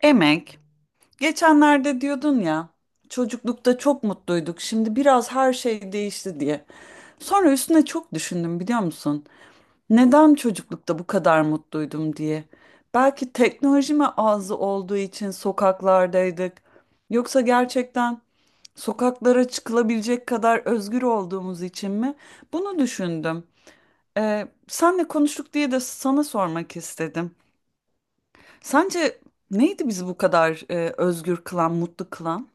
Emek, geçenlerde diyordun ya, çocuklukta çok mutluyduk, şimdi biraz her şey değişti diye. Sonra üstüne çok düşündüm biliyor musun? Neden çocuklukta bu kadar mutluydum diye. Belki teknoloji mi azı olduğu için sokaklardaydık. Yoksa gerçekten sokaklara çıkılabilecek kadar özgür olduğumuz için mi? Bunu düşündüm. Senle konuştuk diye de sana sormak istedim. Sence neydi bizi bu kadar özgür kılan, mutlu kılan?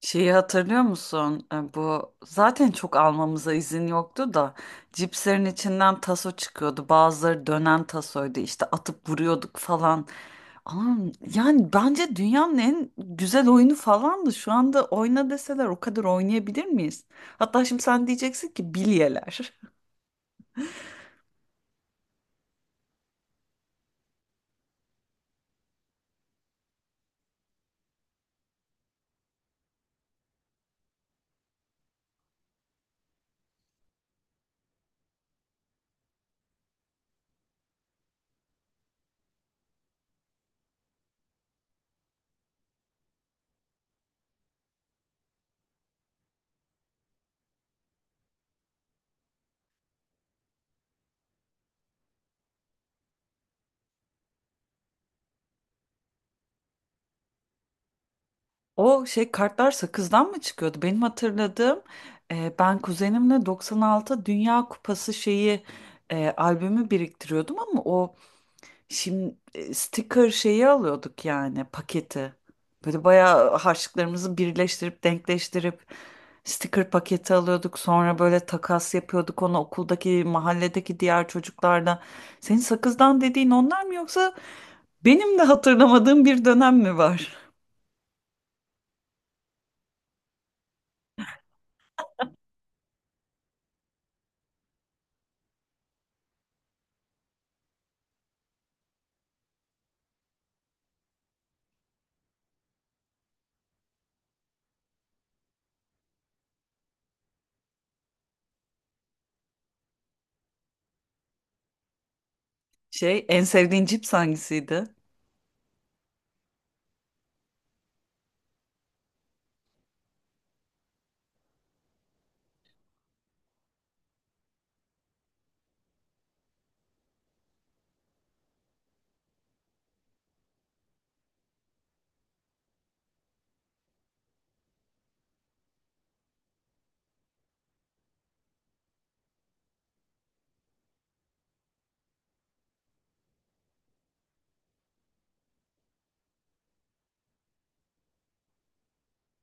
Şeyi hatırlıyor musun? Bu zaten çok almamıza izin yoktu da cipslerin içinden taso çıkıyordu. Bazıları dönen tasoydu. İşte atıp vuruyorduk falan. Ama yani bence dünyanın en güzel oyunu falandı. Şu anda oyna deseler o kadar oynayabilir miyiz? Hatta şimdi sen diyeceksin ki bilyeler. O şey kartlar sakızdan mı çıkıyordu? Benim hatırladığım ben kuzenimle 96 Dünya Kupası şeyi albümü biriktiriyordum ama o şimdi sticker şeyi alıyorduk yani paketi. Böyle bayağı harçlıklarımızı birleştirip denkleştirip sticker paketi alıyorduk. Sonra böyle takas yapıyorduk onu okuldaki mahalledeki diğer çocuklarla. Senin sakızdan dediğin onlar mı yoksa benim de hatırlamadığım bir dönem mi var? Şey, en sevdiğin cips hangisiydi?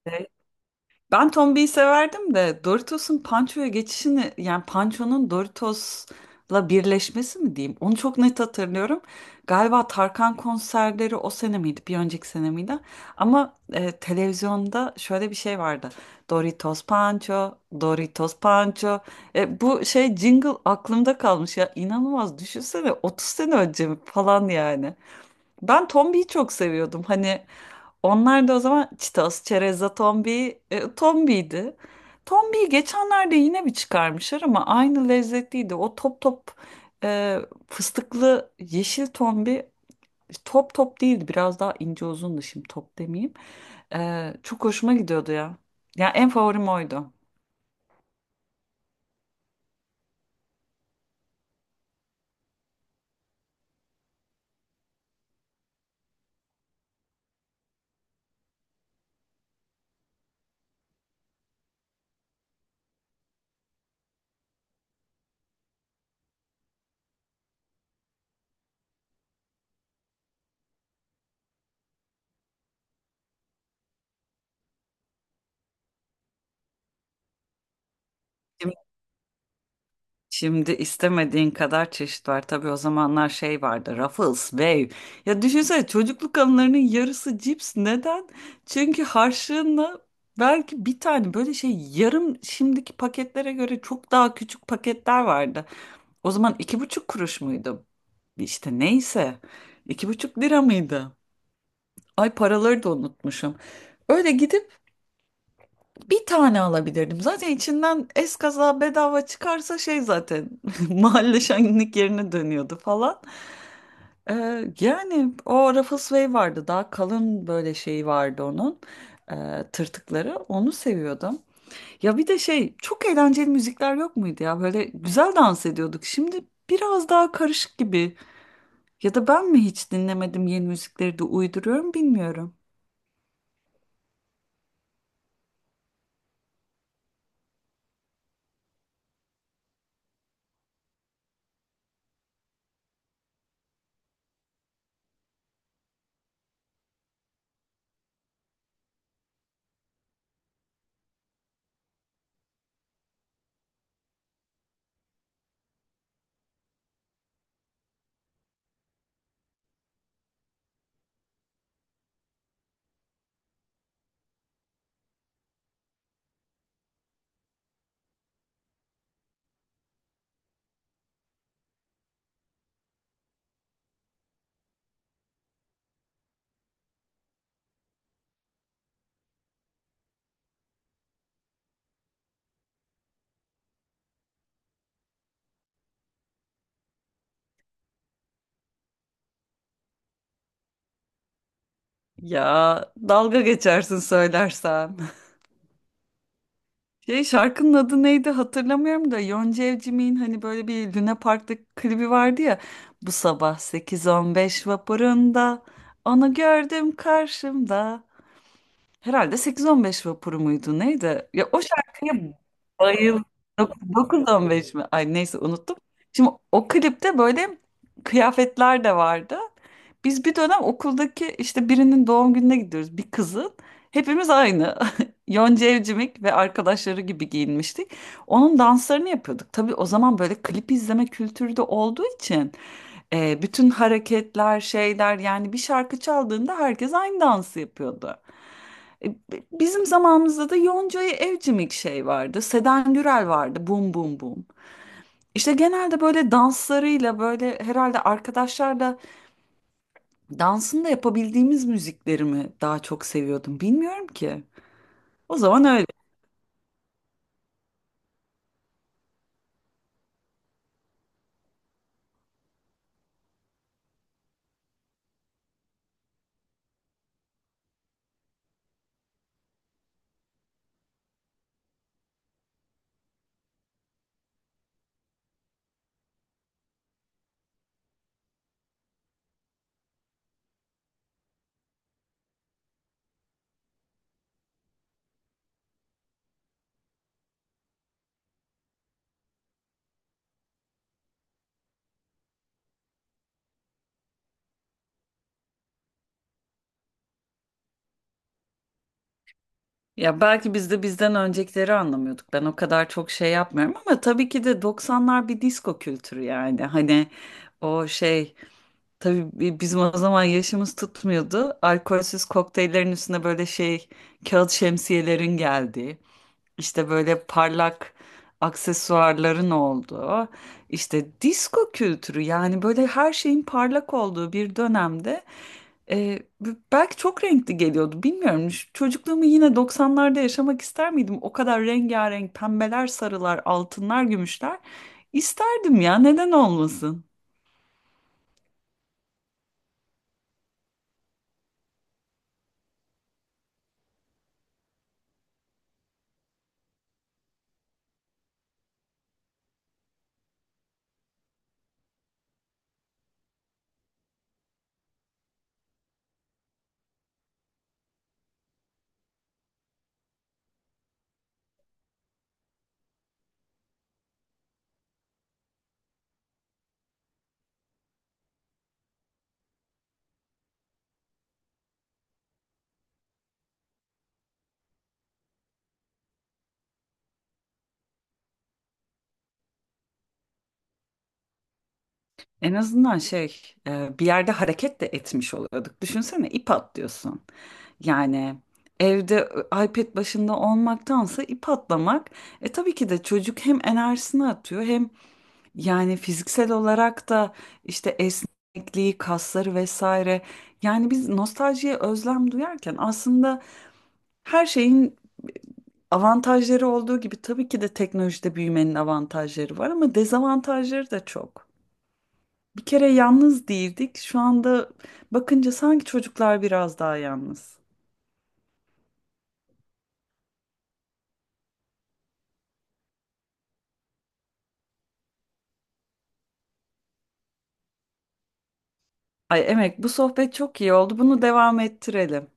Şey, ben Tombi'yi severdim de Doritos'un Pancho'ya geçişini yani Pancho'nun Doritos'la birleşmesi mi diyeyim? Onu çok net hatırlıyorum. Galiba Tarkan konserleri o sene miydi? Bir önceki sene miydi? Ama televizyonda şöyle bir şey vardı. Doritos Pancho, Doritos Pancho. Bu şey jingle aklımda kalmış ya. İnanılmaz düşünsene 30 sene önce mi falan yani. Ben Tombi'yi çok seviyordum. Hani onlar da o zaman Çitos, Çerezza, Tombi, Tombi'ydi. Tombi'yi geçenlerde yine bir çıkarmışlar ama aynı lezzetliydi. O top top e, fıstıklı yeşil Tombi top top değildi. Biraz daha ince uzundu şimdi top demeyeyim. Çok hoşuma gidiyordu ya. Ya en favorim oydu. Şimdi istemediğin kadar çeşit var. Tabii o zamanlar şey vardı. Ruffles, Wave. Ya düşünsene çocukluk anılarının yarısı cips. Neden? Çünkü harçlığınla belki bir tane böyle şey yarım şimdiki paketlere göre çok daha küçük paketler vardı. O zaman 2,5 kuruş muydu? İşte neyse. 2,5 lira mıydı? Ay paraları da unutmuşum. Öyle gidip bir tane alabilirdim. Zaten içinden eskaza bedava çıkarsa şey zaten mahalle şenlik yerine dönüyordu falan. Ee, Yani o Ruffles Way vardı. Daha kalın böyle şeyi vardı onun. Tırtıkları. Onu seviyordum. Ya bir de şey çok eğlenceli müzikler yok muydu ya? Böyle güzel dans ediyorduk. Şimdi biraz daha karışık gibi. Ya da ben mi hiç dinlemedim yeni müzikleri de uyduruyorum bilmiyorum. Ya dalga geçersin söylersem. Şey şarkının adı neydi hatırlamıyorum da Yonca Evcimik'in hani böyle bir Luna Park'ta klibi vardı ya. Bu sabah 8.15 vapurunda onu gördüm karşımda. Herhalde 8.15 vapuru muydu neydi? Ya o şarkıya bayıldım. Dokuz on beş mi? Ay neyse unuttum. Şimdi o klipte böyle kıyafetler de vardı. Biz bir dönem okuldaki işte birinin doğum gününe gidiyoruz. Bir kızın. Hepimiz aynı. Yonca Evcimik ve arkadaşları gibi giyinmiştik. Onun danslarını yapıyorduk. Tabii o zaman böyle klip izleme kültürü de olduğu için bütün hareketler, şeyler yani bir şarkı çaldığında herkes aynı dansı yapıyordu. Bizim zamanımızda da Yonca'ya Evcimik şey vardı. Seden Gürel vardı. Bum bum bum. İşte genelde böyle danslarıyla böyle herhalde arkadaşlarla dansını da yapabildiğimiz müzikleri mi daha çok seviyordum bilmiyorum ki. O zaman öyle. Ya belki biz de bizden öncekileri anlamıyorduk. Ben o kadar çok şey yapmıyorum ama tabii ki de 90'lar bir disco kültürü yani. Hani o şey. Tabii bizim o zaman yaşımız tutmuyordu. Alkolsüz kokteyllerin üstüne böyle şey kağıt şemsiyelerin geldiği, işte böyle parlak aksesuarların olduğu, işte disco kültürü yani böyle her şeyin parlak olduğu bir dönemde belki çok renkli geliyordu bilmiyorum. Çocukluğumu yine 90'larda yaşamak ister miydim? O kadar rengarenk pembeler, sarılar, altınlar, gümüşler isterdim ya neden olmasın? En azından şey bir yerde hareket de etmiş oluyorduk. Düşünsene ip atlıyorsun. Yani evde iPad başında olmaktansa ip atlamak tabii ki de çocuk hem enerjisini atıyor hem yani fiziksel olarak da işte esnekliği, kasları vesaire. Yani biz nostaljiye özlem duyarken aslında her şeyin avantajları olduğu gibi tabii ki de teknolojide büyümenin avantajları var ama dezavantajları da çok. Bir kere yalnız değildik. Şu anda bakınca sanki çocuklar biraz daha yalnız. Ay Emek, bu sohbet çok iyi oldu. Bunu devam ettirelim.